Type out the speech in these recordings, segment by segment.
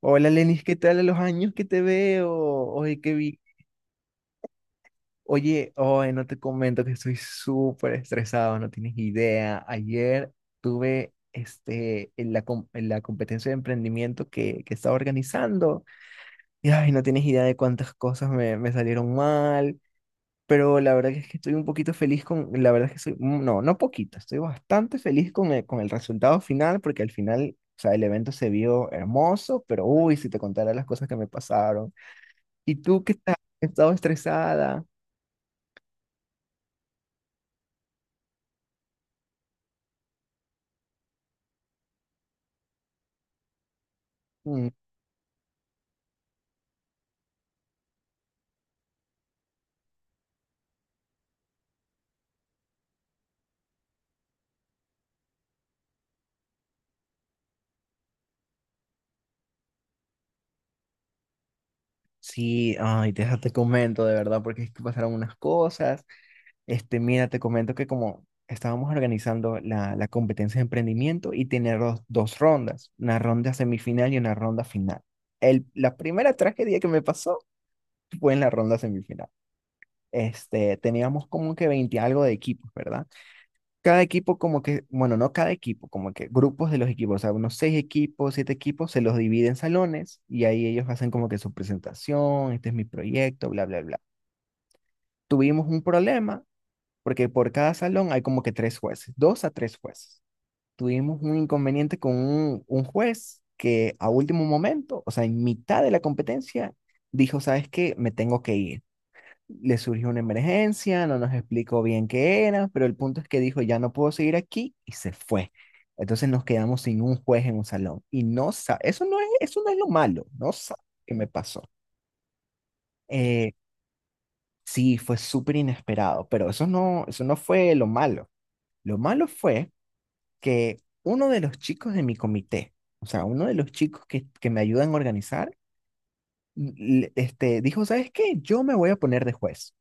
Hola, Lenis, ¿qué tal? A los años que te veo. Oye, qué vi. Oye, oye, no te comento que estoy súper estresado, no tienes idea. Ayer tuve este, en la competencia de emprendimiento que estaba organizando, y ay, no tienes idea de cuántas cosas me salieron mal, pero la verdad que es que estoy un poquito feliz con, la verdad es que soy, no, no poquito, estoy bastante feliz con el resultado final, porque al final, o sea, el evento se vio hermoso, pero uy, si te contara las cosas que me pasaron. ¿Y tú qué estás? ¿Has estado estresada? Mm. Sí, ay, deja, te comento de verdad, porque es que pasaron unas cosas. Este, mira, te comento que como estábamos organizando la competencia de emprendimiento y tener dos rondas, una ronda semifinal y una ronda final. La primera tragedia que me pasó fue en la ronda semifinal. Este, teníamos como que 20 algo de equipos, ¿verdad? Cada equipo como que, bueno, no cada equipo, como que grupos de los equipos, o sea, unos seis equipos, siete equipos, se los divide en salones y ahí ellos hacen como que su presentación, este es mi proyecto, bla, bla, bla. Tuvimos un problema porque por cada salón hay como que tres jueces, dos a tres jueces. Tuvimos un inconveniente con un juez que a último momento, o sea, en mitad de la competencia, dijo, ¿sabes qué? Me tengo que ir, le surgió una emergencia, no nos explicó bien qué era, pero el punto es que dijo, ya no puedo seguir aquí, y se fue. Entonces nos quedamos sin un juez en un salón, y eso no es lo malo, no sabe qué me pasó. Eh, sí, fue súper inesperado, pero eso no fue lo malo. Lo malo fue que uno de los chicos de mi comité, o sea, uno de los chicos que me ayudan a organizar, este, dijo, ¿sabes qué? Yo me voy a poner de juez,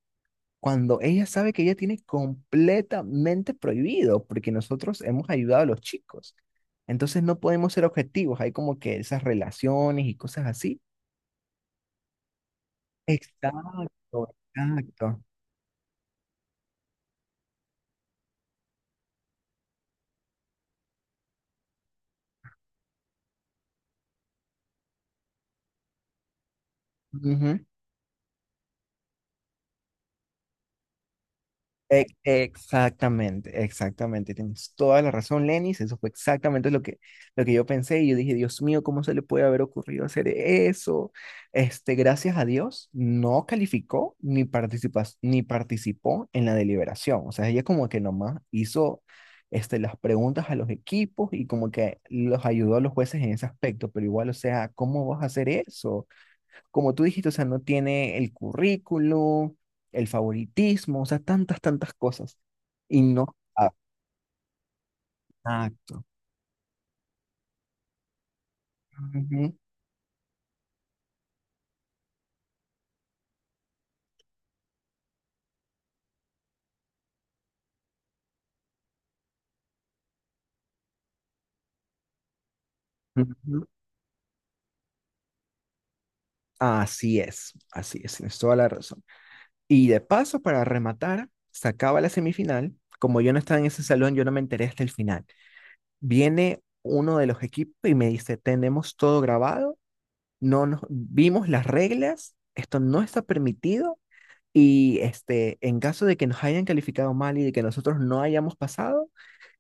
cuando ella sabe que ella tiene completamente prohibido, porque nosotros hemos ayudado a los chicos. Entonces no podemos ser objetivos, hay como que esas relaciones y cosas así. Exacto, exacto. Ujú. Exactamente, exactamente. Tienes toda la razón, Lenis. Eso fue exactamente lo que yo pensé. Y yo dije, Dios mío, ¿cómo se le puede haber ocurrido hacer eso? Este, gracias a Dios, no calificó ni ni participó en la deliberación. O sea, ella como que nomás hizo este, las preguntas a los equipos y como que los ayudó a los jueces en ese aspecto. Pero igual, o sea, ¿cómo vas a hacer eso? Como tú dijiste, o sea, no tiene el currículo, el favoritismo, o sea, tantas, tantas cosas. Y no. Ah. Exacto. Ujú, ujú. Así es, tienes toda la razón. Y de paso, para rematar, se acaba la semifinal. Como yo no estaba en ese salón, yo no me enteré hasta el final. Viene uno de los equipos y me dice, tenemos todo grabado, no nos vimos las reglas, esto no está permitido. Y este, en caso de que nos hayan calificado mal y de que nosotros no hayamos pasado,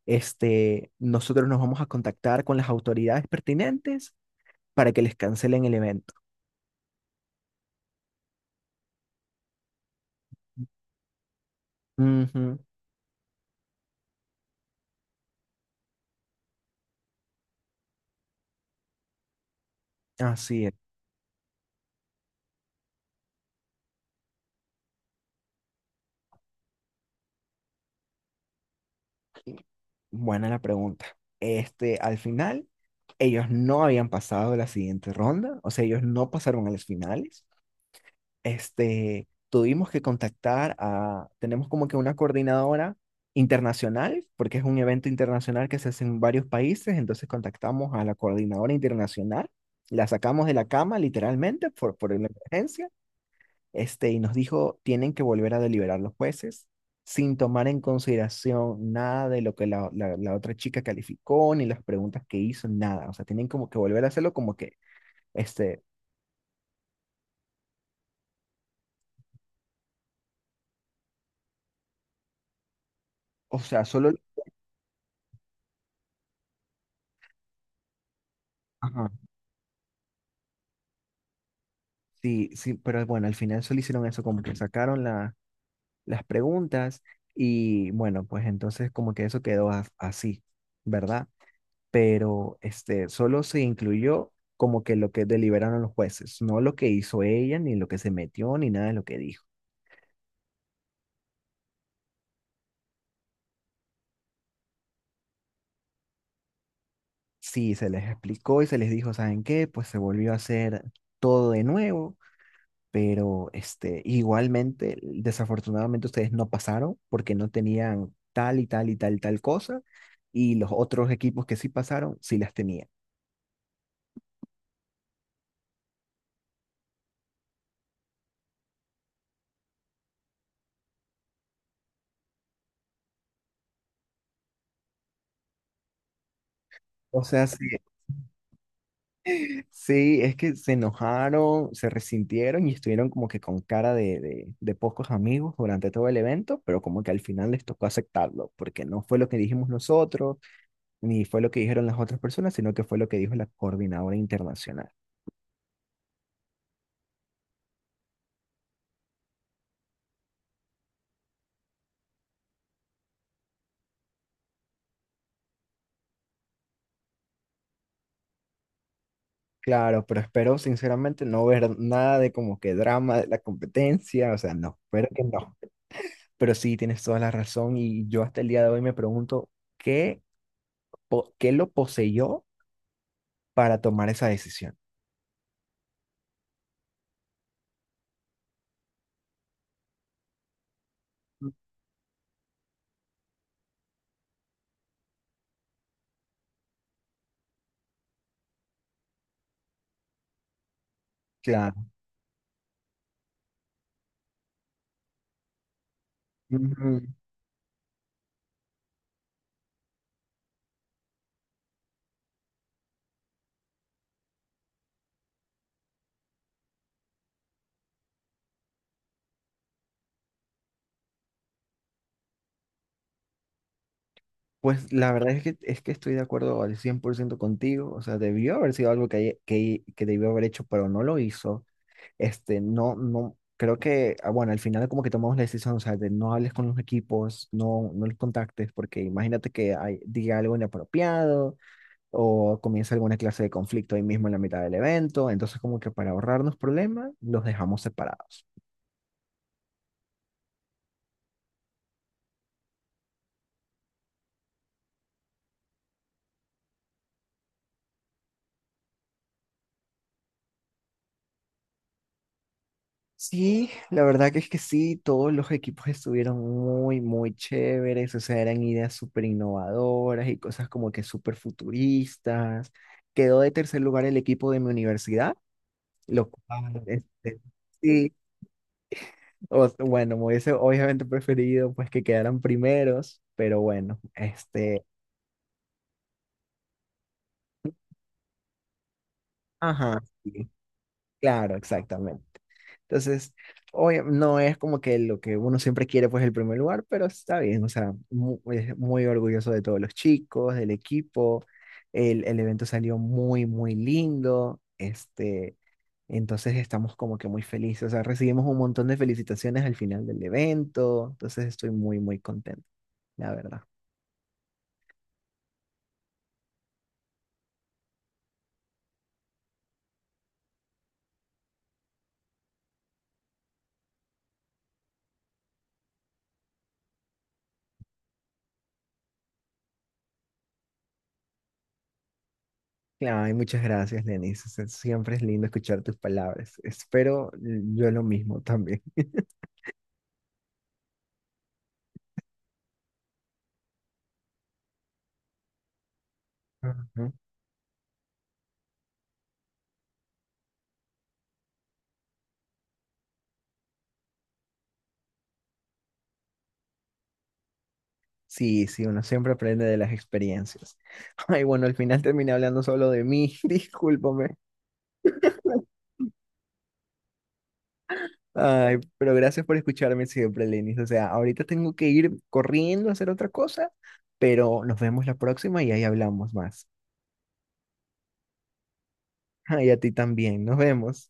este, nosotros nos vamos a contactar con las autoridades pertinentes para que les cancelen el evento. Ujú. Así es. Buena la pregunta. Este, al final, ellos no habían pasado la siguiente ronda, o sea, ellos no pasaron a las finales. Este, tuvimos que contactar a, tenemos como que una coordinadora internacional, porque es un evento internacional que se hace en varios países, entonces contactamos a la coordinadora internacional, la sacamos de la cama literalmente por la emergencia, este, y nos dijo, tienen que volver a deliberar los jueces sin tomar en consideración nada de lo que la otra chica calificó, ni las preguntas que hizo, nada. O sea, tienen como que volver a hacerlo como que, este, o sea, solo... Ajá. Sí, sí, pero bueno, al final solo hicieron eso, como que sacaron las preguntas, y bueno, pues entonces como que eso quedó así, ¿verdad? Pero este, solo se incluyó como que lo que deliberaron los jueces, no lo que hizo ella, ni lo que se metió, ni nada de lo que dijo. Sí, se les explicó y se les dijo, ¿saben qué? Pues se volvió a hacer todo de nuevo, pero este, igualmente, desafortunadamente, ustedes no pasaron porque no tenían tal y tal y tal tal cosa, y los otros equipos que sí pasaron sí las tenían. O sea, sí, sí, es que se enojaron, se resintieron y estuvieron como que con cara de, pocos amigos durante todo el evento, pero como que al final les tocó aceptarlo, porque no fue lo que dijimos nosotros, ni fue lo que dijeron las otras personas, sino que fue lo que dijo la coordinadora internacional. Claro, pero espero sinceramente no ver nada de como que drama de la competencia, o sea, no, espero que no. Pero sí, tienes toda la razón, y yo hasta el día de hoy me pregunto qué, qué lo poseyó para tomar esa decisión. Claro. Ujú. Pues la verdad es que estoy de acuerdo al 100% contigo, o sea, debió haber sido algo que debió haber hecho, pero no lo hizo. Este, no, no, creo que, ah, bueno, al final como que tomamos la decisión, o sea, de no hables con los equipos, no los contactes, porque imagínate que diga algo inapropiado, o comienza alguna clase de conflicto ahí mismo en la mitad del evento, entonces como que para ahorrarnos problemas, los dejamos separados. Sí, la verdad que es que sí, todos los equipos estuvieron muy, muy chéveres, o sea, eran ideas súper innovadoras y cosas como que súper futuristas. Quedó de tercer lugar el equipo de mi universidad. Lo cual, este, sí, bueno, me hubiese obviamente preferido, pues, que quedaran primeros, pero bueno, este, ajá, sí, claro, exactamente. Entonces, hoy no es como que lo que uno siempre quiere, pues el primer lugar, pero está bien, o sea, es muy, orgulloso de todos los chicos, del equipo, el evento salió muy, muy lindo, este, entonces estamos como que muy felices, o sea, recibimos un montón de felicitaciones al final del evento, entonces estoy muy, muy contento, la verdad. Ay, muchas gracias, Lenis. O sea, siempre es lindo escuchar tus palabras. Espero yo lo mismo también. Sí, sí, uno siempre aprende de las experiencias. Ay, bueno, al final terminé hablando solo de mí, discúlpame. Ay, pero gracias por escucharme siempre, Lenis. O sea, ahorita tengo que ir corriendo a hacer otra cosa, pero nos vemos la próxima, y ahí hablamos más. Ay, a ti también, nos vemos.